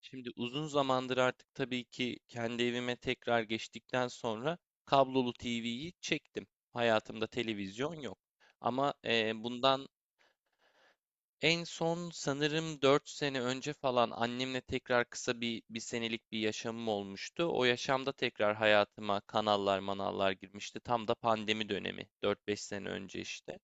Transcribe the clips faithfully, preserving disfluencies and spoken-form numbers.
Şimdi uzun zamandır artık tabii ki kendi evime tekrar geçtikten sonra kablolu T V'yi çektim. Hayatımda televizyon yok. Ama eee, bundan en son sanırım dört sene önce falan annemle tekrar kısa bir, bir senelik bir yaşamım olmuştu. O yaşamda tekrar hayatıma kanallar manallar girmişti. Tam da pandemi dönemi dört beş sene önce işte.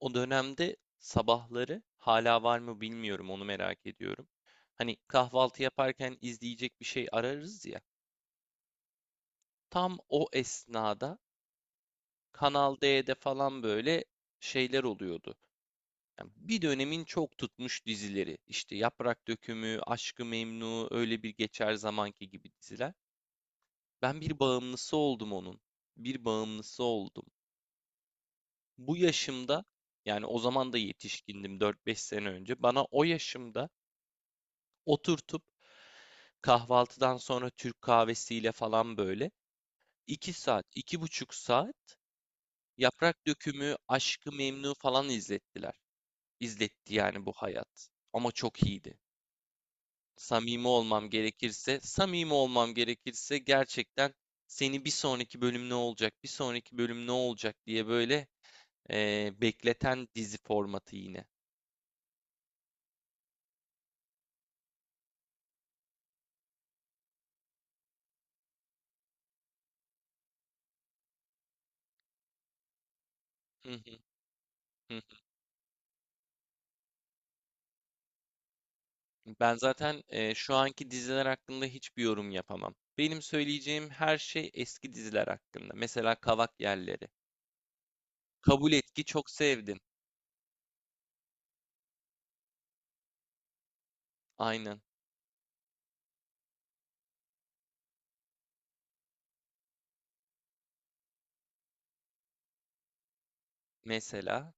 O dönemde sabahları hala var mı bilmiyorum onu merak ediyorum. Hani kahvaltı yaparken izleyecek bir şey ararız ya. Tam o esnada Kanal D'de falan böyle şeyler oluyordu. Yani bir dönemin çok tutmuş dizileri. İşte Yaprak Dökümü, Aşk-ı Memnu, öyle bir geçer zamanki gibi diziler. Ben bir bağımlısı oldum onun. Bir bağımlısı oldum. Bu yaşımda yani o zaman da yetişkindim dört beş sene önce. Bana o yaşımda oturtup Kahvaltıdan sonra Türk kahvesiyle falan böyle. iki saat, iki buçuk saat Yaprak Dökümü, Aşkı Memnu falan izlettiler. İzletti yani bu hayat. Ama çok iyiydi. Samimi olmam gerekirse, samimi olmam gerekirse gerçekten seni bir sonraki bölüm ne olacak, bir sonraki bölüm ne olacak diye böyle eee, bekleten dizi formatı yine. Hı hı hı. Ben zaten e, şu anki diziler hakkında hiçbir yorum yapamam. Benim söyleyeceğim her şey eski diziler hakkında. Mesela Kavak Yerleri. Kabul et ki çok sevdim. Aynen. Mesela.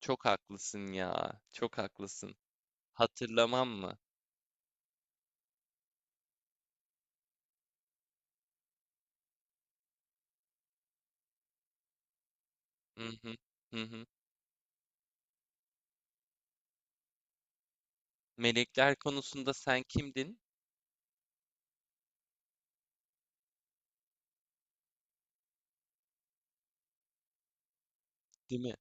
Çok haklısın ya. Çok haklısın. Hatırlamam mı? Hı hı. Hı hı. Melekler konusunda sen kimdin? Değil mi?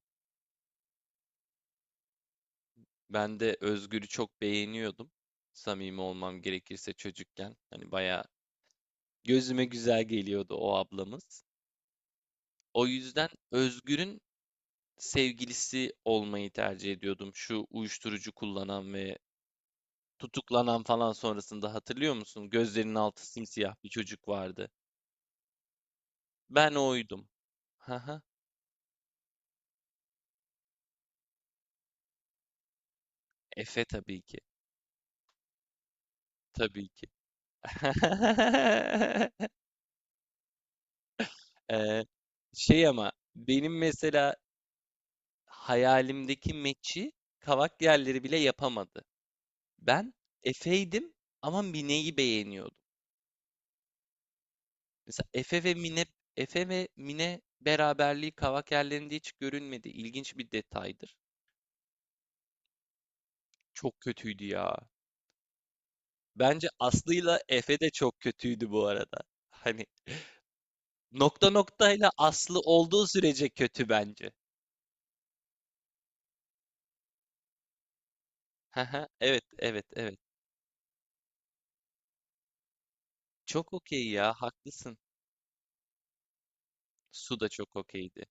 Ben de Özgür'ü çok beğeniyordum. Samimi olmam gerekirse çocukken. Hani bayağı gözüme güzel geliyordu o ablamız. O yüzden Özgür'ün sevgilisi olmayı tercih ediyordum. Şu uyuşturucu kullanan ve tutuklanan falan sonrasında hatırlıyor musun? Gözlerinin altı simsiyah bir çocuk vardı. Ben oydum. Haha. Efe tabii ki. Tabii ki. Ee, şey ama benim mesela hayalimdeki meçi kavak yerleri bile yapamadı. Ben Efe'ydim ama Mine'yi beğeniyordum. Mesela Efe ve Mine Efe ve Mine beraberliği Kavakerlerinde hiç görünmedi. İlginç bir detaydır. Çok kötüydü ya. Bence Aslı'yla Efe de çok kötüydü bu arada. Hani nokta noktayla Aslı olduğu sürece kötü bence. Haha, Evet, evet, evet. Çok okey ya, haklısın. Su da çok okeydi.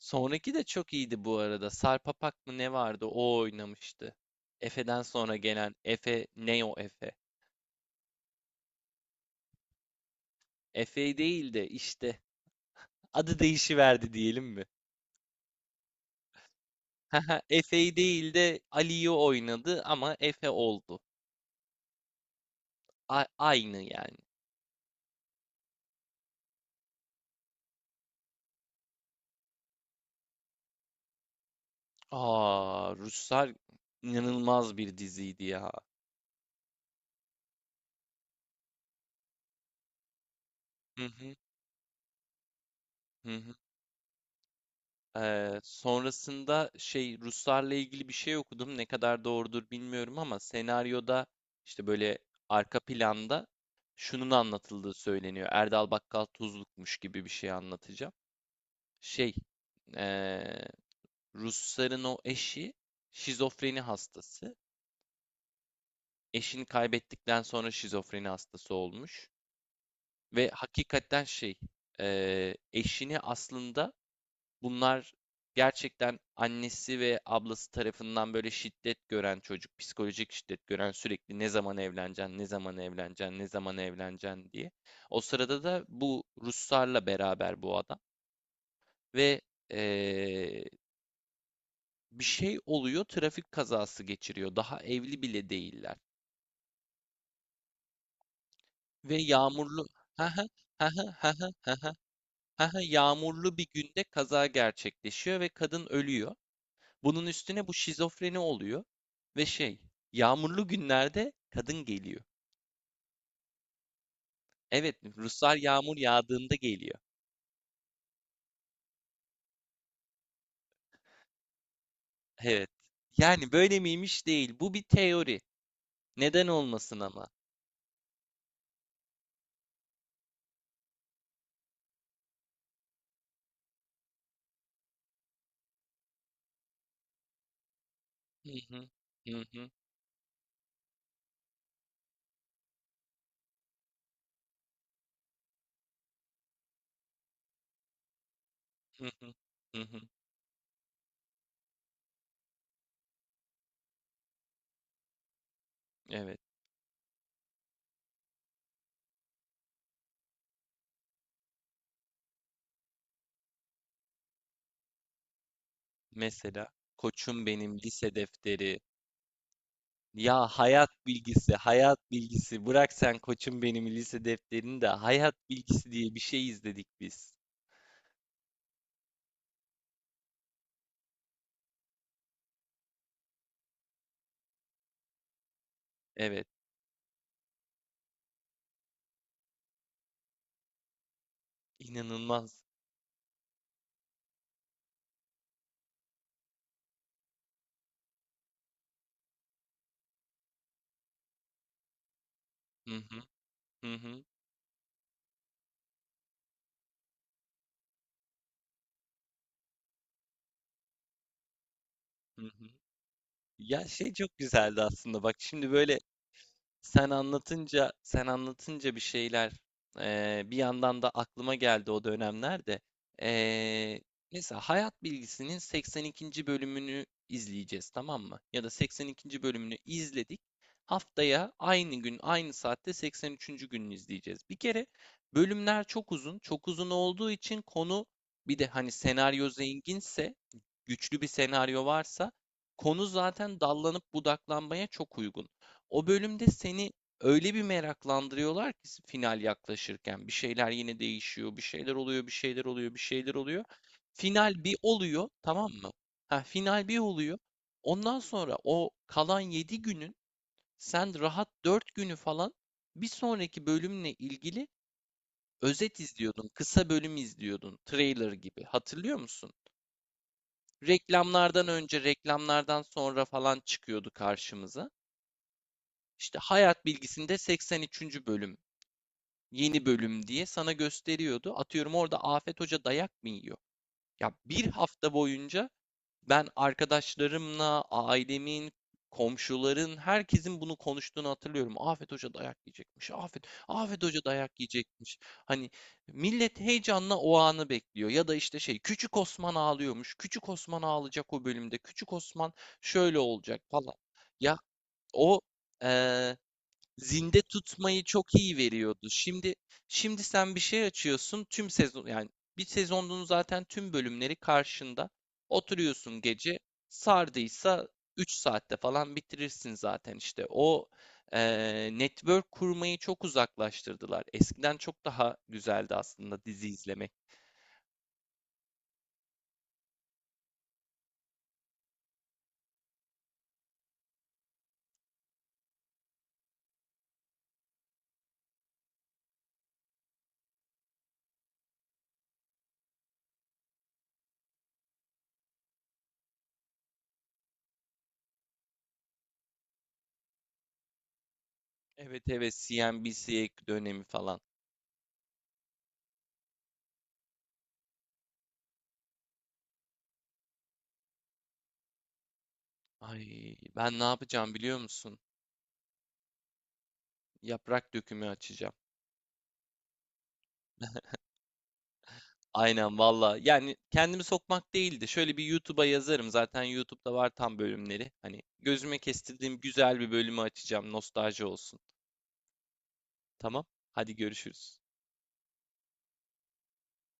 Sonraki de çok iyiydi bu arada. Sarpapak mı ne vardı? O oynamıştı. Efe'den sonra gelen Efe, Neo Efe. Efe değil de işte Adı değişiverdi diyelim mi? Haha, Efe'yi değil de Ali'yi oynadı ama Efe oldu. A- aynı yani. Aa, Ruslar inanılmaz bir diziydi ya. Hı hı, hı hı. Ee, sonrasında şey Ruslarla ilgili bir şey okudum. Ne kadar doğrudur bilmiyorum ama senaryoda işte böyle arka planda şunun anlatıldığı söyleniyor. Erdal Bakkal Tuzluk'muş gibi bir şey anlatacağım. Şey, ee, Rusların o eşi şizofreni hastası. Eşini kaybettikten sonra şizofreni hastası olmuş. Ve hakikaten şey, eee, eşini aslında bunlar gerçekten annesi ve ablası tarafından böyle şiddet gören çocuk, psikolojik şiddet gören sürekli ne zaman evleneceksin, ne zaman evleneceksin, ne zaman evleneceksin diye. O sırada da bu Ruslarla beraber bu adam ve eee, bir şey oluyor, trafik kazası geçiriyor. Daha evli bile değiller. Ve yağmurlu ha ha ha ha ha ha yağmurlu bir günde kaza gerçekleşiyor ve kadın ölüyor. Bunun üstüne bu şizofreni oluyor ve şey yağmurlu günlerde kadın geliyor. Evet, Ruslar yağmur yağdığında geliyor. Evet. Yani böyle miymiş değil. Bu bir teori. Neden olmasın ama? Hı hı, hı hı, hı hı, hı hı. Evet. Mesela Koçum Benim Lise Defteri. Ya hayat bilgisi, hayat bilgisi. Bırak sen koçum benim lise defterini de hayat bilgisi diye bir şey izledik biz. Evet, inanılmaz. Hı hı, hı hı, hı hı. Ya şey çok güzeldi aslında. Bak şimdi böyle. Sen anlatınca, sen anlatınca bir şeyler eee, bir yandan da aklıma geldi o dönemlerde. Eee, mesela Hayat Bilgisi'nin seksen ikinci bölümünü izleyeceğiz, tamam mı? Ya da seksen ikinci bölümünü izledik. Haftaya aynı gün, aynı saatte seksen üçüncü gününü izleyeceğiz. Bir kere bölümler çok uzun, çok uzun olduğu için konu bir de hani senaryo zenginse, güçlü bir senaryo varsa konu zaten dallanıp budaklanmaya çok uygun. O bölümde seni öyle bir meraklandırıyorlar ki final yaklaşırken bir şeyler yine değişiyor, bir şeyler oluyor, bir şeyler oluyor, bir şeyler oluyor. Final bir oluyor, tamam mı? Ha, final bir oluyor. Ondan sonra o kalan yedi günün sen rahat dört günü falan bir sonraki bölümle ilgili özet izliyordun, kısa bölüm izliyordun, trailer gibi. Hatırlıyor musun? Reklamlardan önce, reklamlardan sonra falan çıkıyordu karşımıza. İşte hayat bilgisinde seksen üçüncü bölüm yeni bölüm diye sana gösteriyordu. Atıyorum orada Afet Hoca dayak mı yiyor? Ya bir hafta boyunca ben arkadaşlarımla, ailemin, komşuların, herkesin bunu konuştuğunu hatırlıyorum. Afet Hoca dayak yiyecekmiş. Afet, Afet Hoca dayak yiyecekmiş. Hani millet heyecanla o anı bekliyor. Ya da işte şey, Küçük Osman ağlıyormuş. Küçük Osman ağlayacak o bölümde. Küçük Osman şöyle olacak falan. Ya o e, zinde tutmayı çok iyi veriyordu. Şimdi şimdi sen bir şey açıyorsun tüm sezon yani bir sezonun zaten tüm bölümleri karşında. Oturuyorsun gece sardıysa üç saatte falan bitirirsin zaten işte. O eee, network kurmayı çok uzaklaştırdılar. Eskiden çok daha güzeldi aslında dizi izlemek. Evet evet C N B C dönemi falan. Ay ben ne yapacağım biliyor musun? Yaprak dökümü açacağım. Aynen valla. Yani kendimi sokmak değildi. Şöyle bir YouTube'a yazarım. Zaten YouTube'da var tam bölümleri. Hani gözüme kestirdiğim güzel bir bölümü açacağım. Nostalji olsun. Tamam. Hadi görüşürüz.